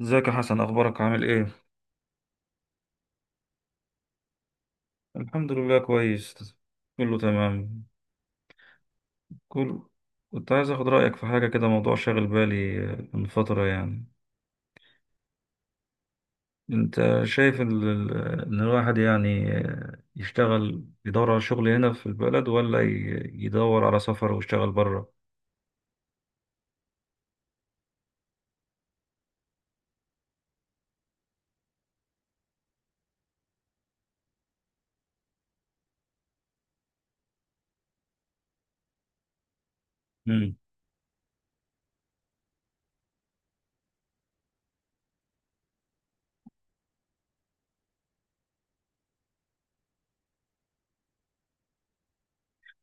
ازيك يا حسن؟ اخبارك؟ عامل ايه؟ الحمد لله كويس. كله تمام. كل كنت عايز اخد رايك في حاجه كده، موضوع شاغل بالي من فتره يعني. انت شايف ان الواحد يعني يشتغل يدور على شغل هنا في البلد، ولا يدور على سفر ويشتغل بره؟ مم.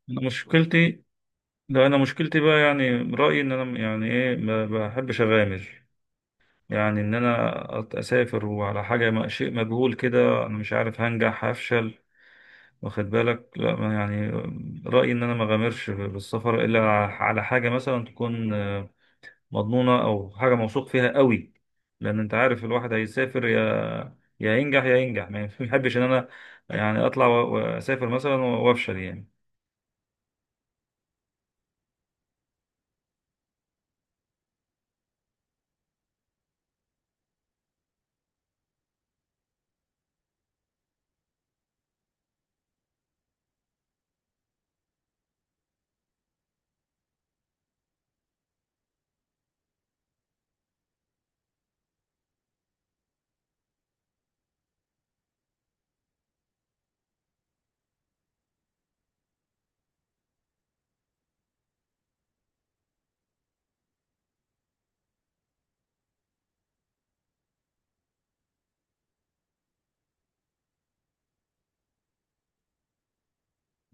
انا مشكلتي لا انا مشكلتي بقى، يعني رايي ان انا يعني ايه، ما بحبش اغامر. يعني ان انا اسافر وعلى حاجه شيء مجهول كده، انا مش عارف هنجح هفشل. واخد بالك؟ لا ما يعني، رأيي إن أنا ما غامرش بالسفر إلا على حاجة مثلا تكون مضمونة أو حاجة موثوق فيها قوي. لأن أنت عارف الواحد هيسافر يا ينجح يا ينجح، ما بيحبش إن أنا يعني أطلع وأسافر مثلا وأفشل يعني.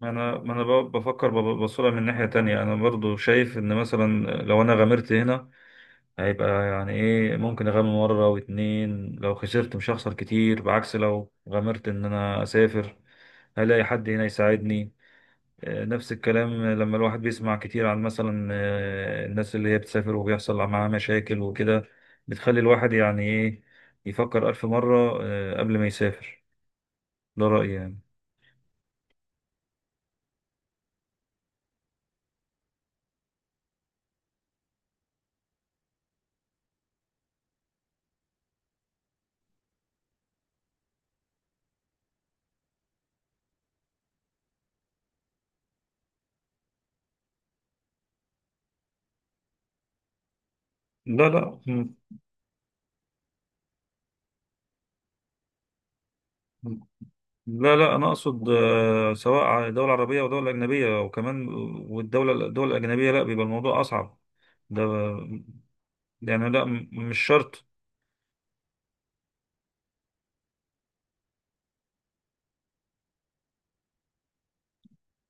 ما أنا بفكر ببصلها من ناحية تانية. أنا برضو شايف إن مثلا لو أنا غامرت هنا، هيبقى يعني ايه، ممكن اغامر مرة واتنين، لو خسرت مش هخسر كتير. بعكس لو غامرت ان انا اسافر، هلاقي حد هنا يساعدني؟ نفس الكلام لما الواحد بيسمع كتير عن مثلا الناس اللي هي بتسافر وبيحصل معاها مشاكل وكده، بتخلي الواحد يعني ايه، يفكر ألف مرة قبل ما يسافر. ده رأيي يعني. لا لا لا انا اقصد سواء دوله عربيه او دوله اجنبيه، وكمان الدول الاجنبيه لا، بيبقى الموضوع اصعب. ده يعني لا، مش شرط.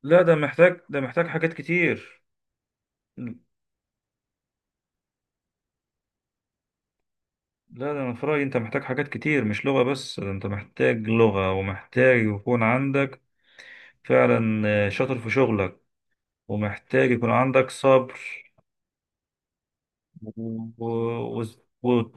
لا ده محتاج، ده محتاج حاجات كتير. لا ده انا في رايي انت محتاج حاجات كتير، مش لغه بس. ده انت محتاج لغه، ومحتاج يكون عندك فعلا شاطر في شغلك، ومحتاج يكون عندك صبر و... و...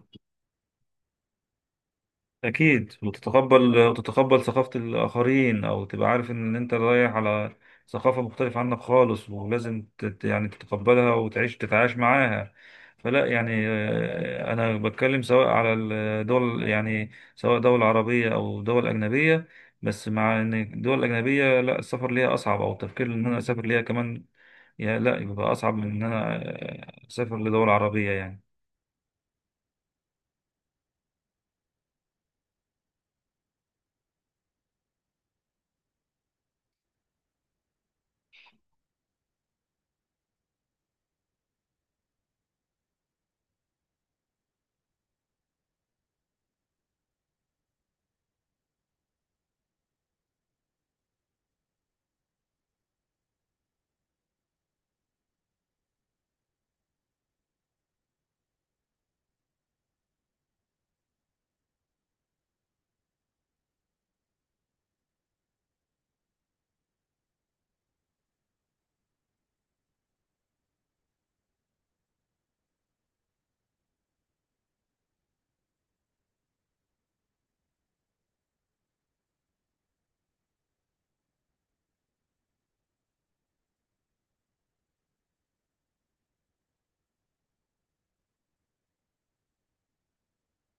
أكيد. وتتقبل ثقافة الآخرين، أو تبقى عارف إن أنت رايح على ثقافة مختلفة عنك خالص، ولازم يعني تتقبلها وتعيش تتعايش معاها. فلا يعني أنا بتكلم سواء على الدول يعني، سواء دول عربية أو دول أجنبية. بس مع إن الدول الأجنبية لا، السفر ليها أصعب، أو التفكير إن أنا أسافر ليها كمان لا، يبقى أصعب من إن أنا أسافر لدول عربية يعني.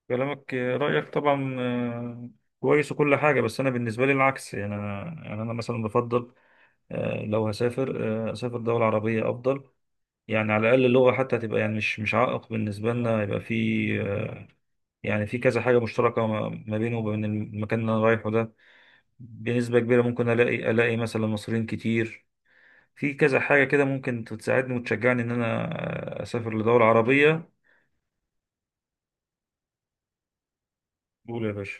كلامك رأيك طبعا كويس وكل حاجة، بس أنا بالنسبة لي العكس يعني. أنا يعني أنا مثلا بفضل لو هسافر، أسافر دولة عربية أفضل. يعني على الأقل اللغة حتى تبقى يعني مش عائق بالنسبة لنا، يبقى في آه، يعني في كذا حاجة مشتركة ما بينه وبين المكان اللي أنا رايحه ده. بنسبة كبيرة ممكن ألاقي مثلا مصريين كتير، في كذا حاجة كده ممكن تساعدني وتشجعني إن أنا أسافر لدولة عربية. قول يا باشا.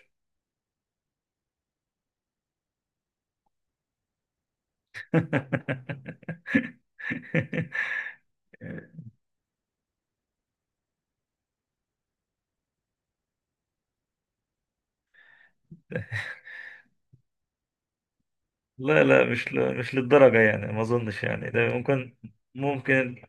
لا لا، مش للدرجة يعني، ما أظنش يعني. ده ممكن، ممكن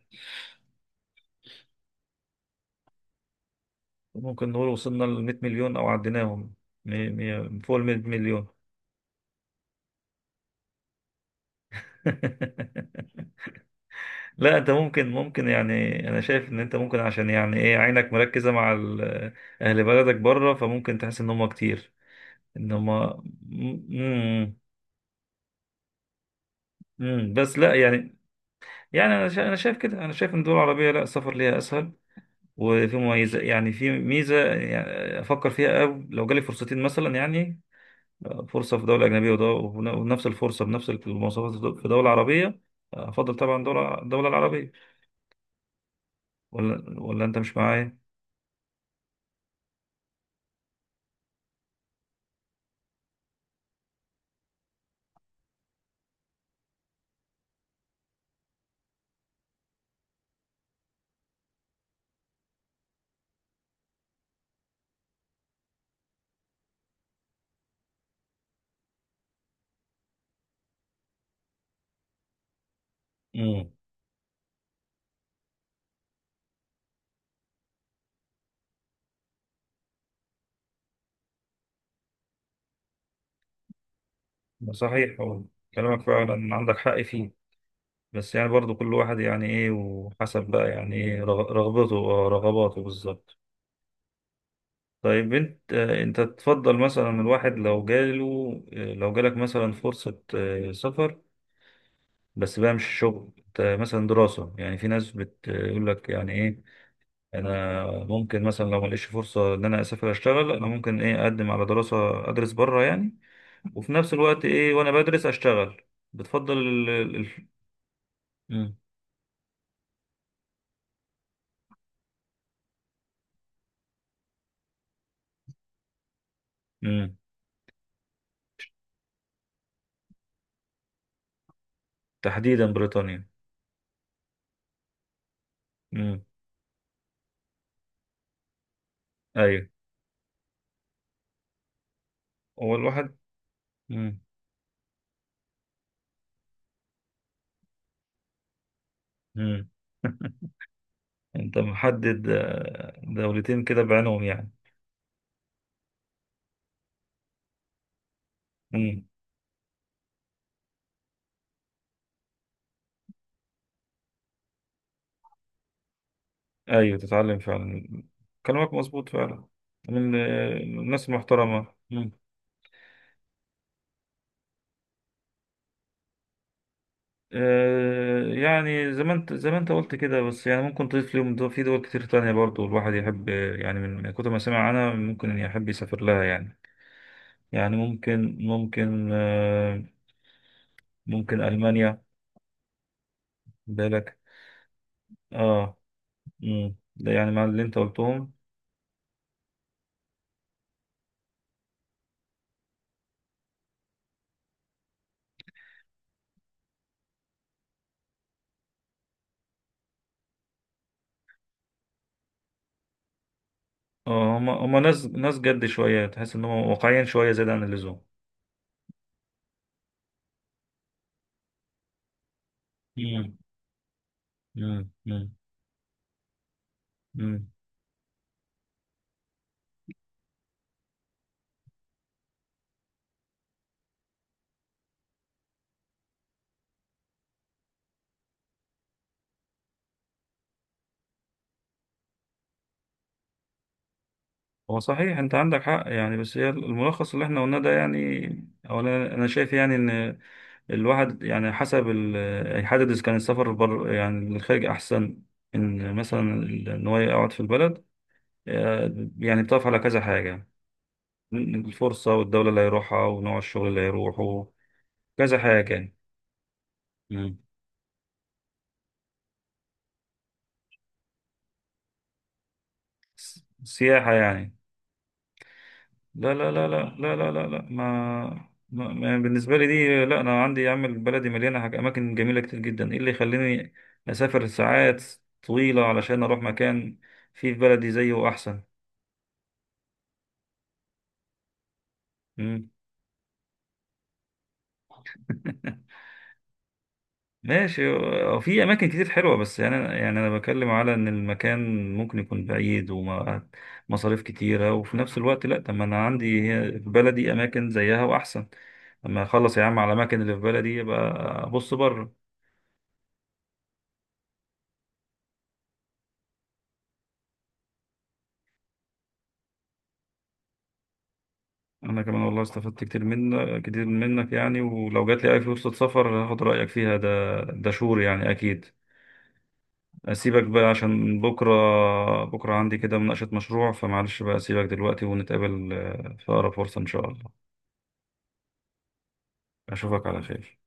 ممكن نقول وصلنا ل 100 مليون أو عديناهم. فوق ال 100 مليون. لا أنت ممكن، يعني أنا شايف إن أنت ممكن، عشان يعني إيه، عينك مركزة مع أهل بلدك بره، فممكن تحس إن هم كتير، إن هم م- بس لا يعني. يعني أنا أنا شايف كده، أنا شايف إن الدول العربية لا، السفر ليها أسهل. وفي مميزة يعني في ميزة يعني أفكر فيها. أو لو جالي فرصتين مثلا يعني، فرصة في دولة أجنبية ونفس الفرصة بنفس المواصفات في دولة عربية، أفضل طبعا الدولة العربية. ولا أنت مش معايا؟ امم. صحيح. هو كلامك فعلا عندك حق فيه، بس يعني برضو كل واحد يعني ايه، وحسب بقى يعني ايه رغبته. اه، رغباته بالظبط. طيب انت انت تفضل مثلا، الواحد لو جاله لو جالك مثلا فرصة سفر، بس بقى مش شغل، مثلا دراسة. يعني في ناس بتقول لك يعني ايه، انا ممكن مثلا لو ما لقيتش فرصة ان انا اسافر اشتغل، انا ممكن ايه اقدم على دراسة، ادرس بره يعني، وفي نفس الوقت ايه وانا بدرس اشتغل. بتفضل مم. مم. تحديدا بريطانيا؟ مم. ايوه. هو الواحد؟ مم. مم. انت محدد دولتين كده بعينهم يعني؟ مم. ايوه، تتعلم فعلا. كلامك مظبوط فعلا، من الناس المحترمة. مم. يعني زي ما انت، زي ما انت قلت كده، بس يعني ممكن تضيف ليهم، دول في دول كتير تانية برضو الواحد يحب يعني، من كتر ما سمع عنها ممكن يحب يسافر لها يعني. يعني ممكن، ممكن ألمانيا، بالك؟ اه. مم. ده يعني مع اللي انت قلتهم. اه، هم ناس جد شوية، تحس ان هم واقعيا شوية زيادة عن اللزوم. مم. مم. مم. مم. هو صحيح انت عندك حق يعني، بس هي الملخص اللي احنا قلناه ده يعني. اولا انا شايف يعني ان الواحد يعني حسب يحدد إذا كان السفر بر يعني للخارج أحسن، إن مثلا إن هو يقعد في البلد. يعني بتقف على كذا حاجة: الفرصة، والدولة اللي هيروحها، ونوع الشغل اللي هيروحه، كذا حاجة يعني. مم. سياحة يعني؟ لا. بالنسبة لي دي لا، أنا عندي يا عم بلدي مليانة حاجة، أماكن جميلة كتير جدا. إيه اللي يخليني أسافر ساعات طويلة علشان أروح مكان فيه في بلدي زيه أحسن. مم. ماشي. هو في اماكن كتير حلوه، بس يعني انا، يعني انا بكلم على ان المكان ممكن يكون بعيد ومصاريف كتيره، وفي نفس الوقت لا، طب ما انا عندي في بلدي اماكن زيها واحسن. لما اخلص يا عم على الاماكن اللي في بلدي، يبقى ابص بره. انا كمان والله استفدت كتير منك، كتير منك يعني، ولو جات لي اي فرصه سفر هاخد رايك فيها. ده، ده شور يعني، اكيد. اسيبك بقى عشان بكره، بكره عندي كده مناقشه مشروع، فمعلش بقى اسيبك دلوقتي، ونتقابل في اقرب فرصه ان شاء الله. أشوفك على خير.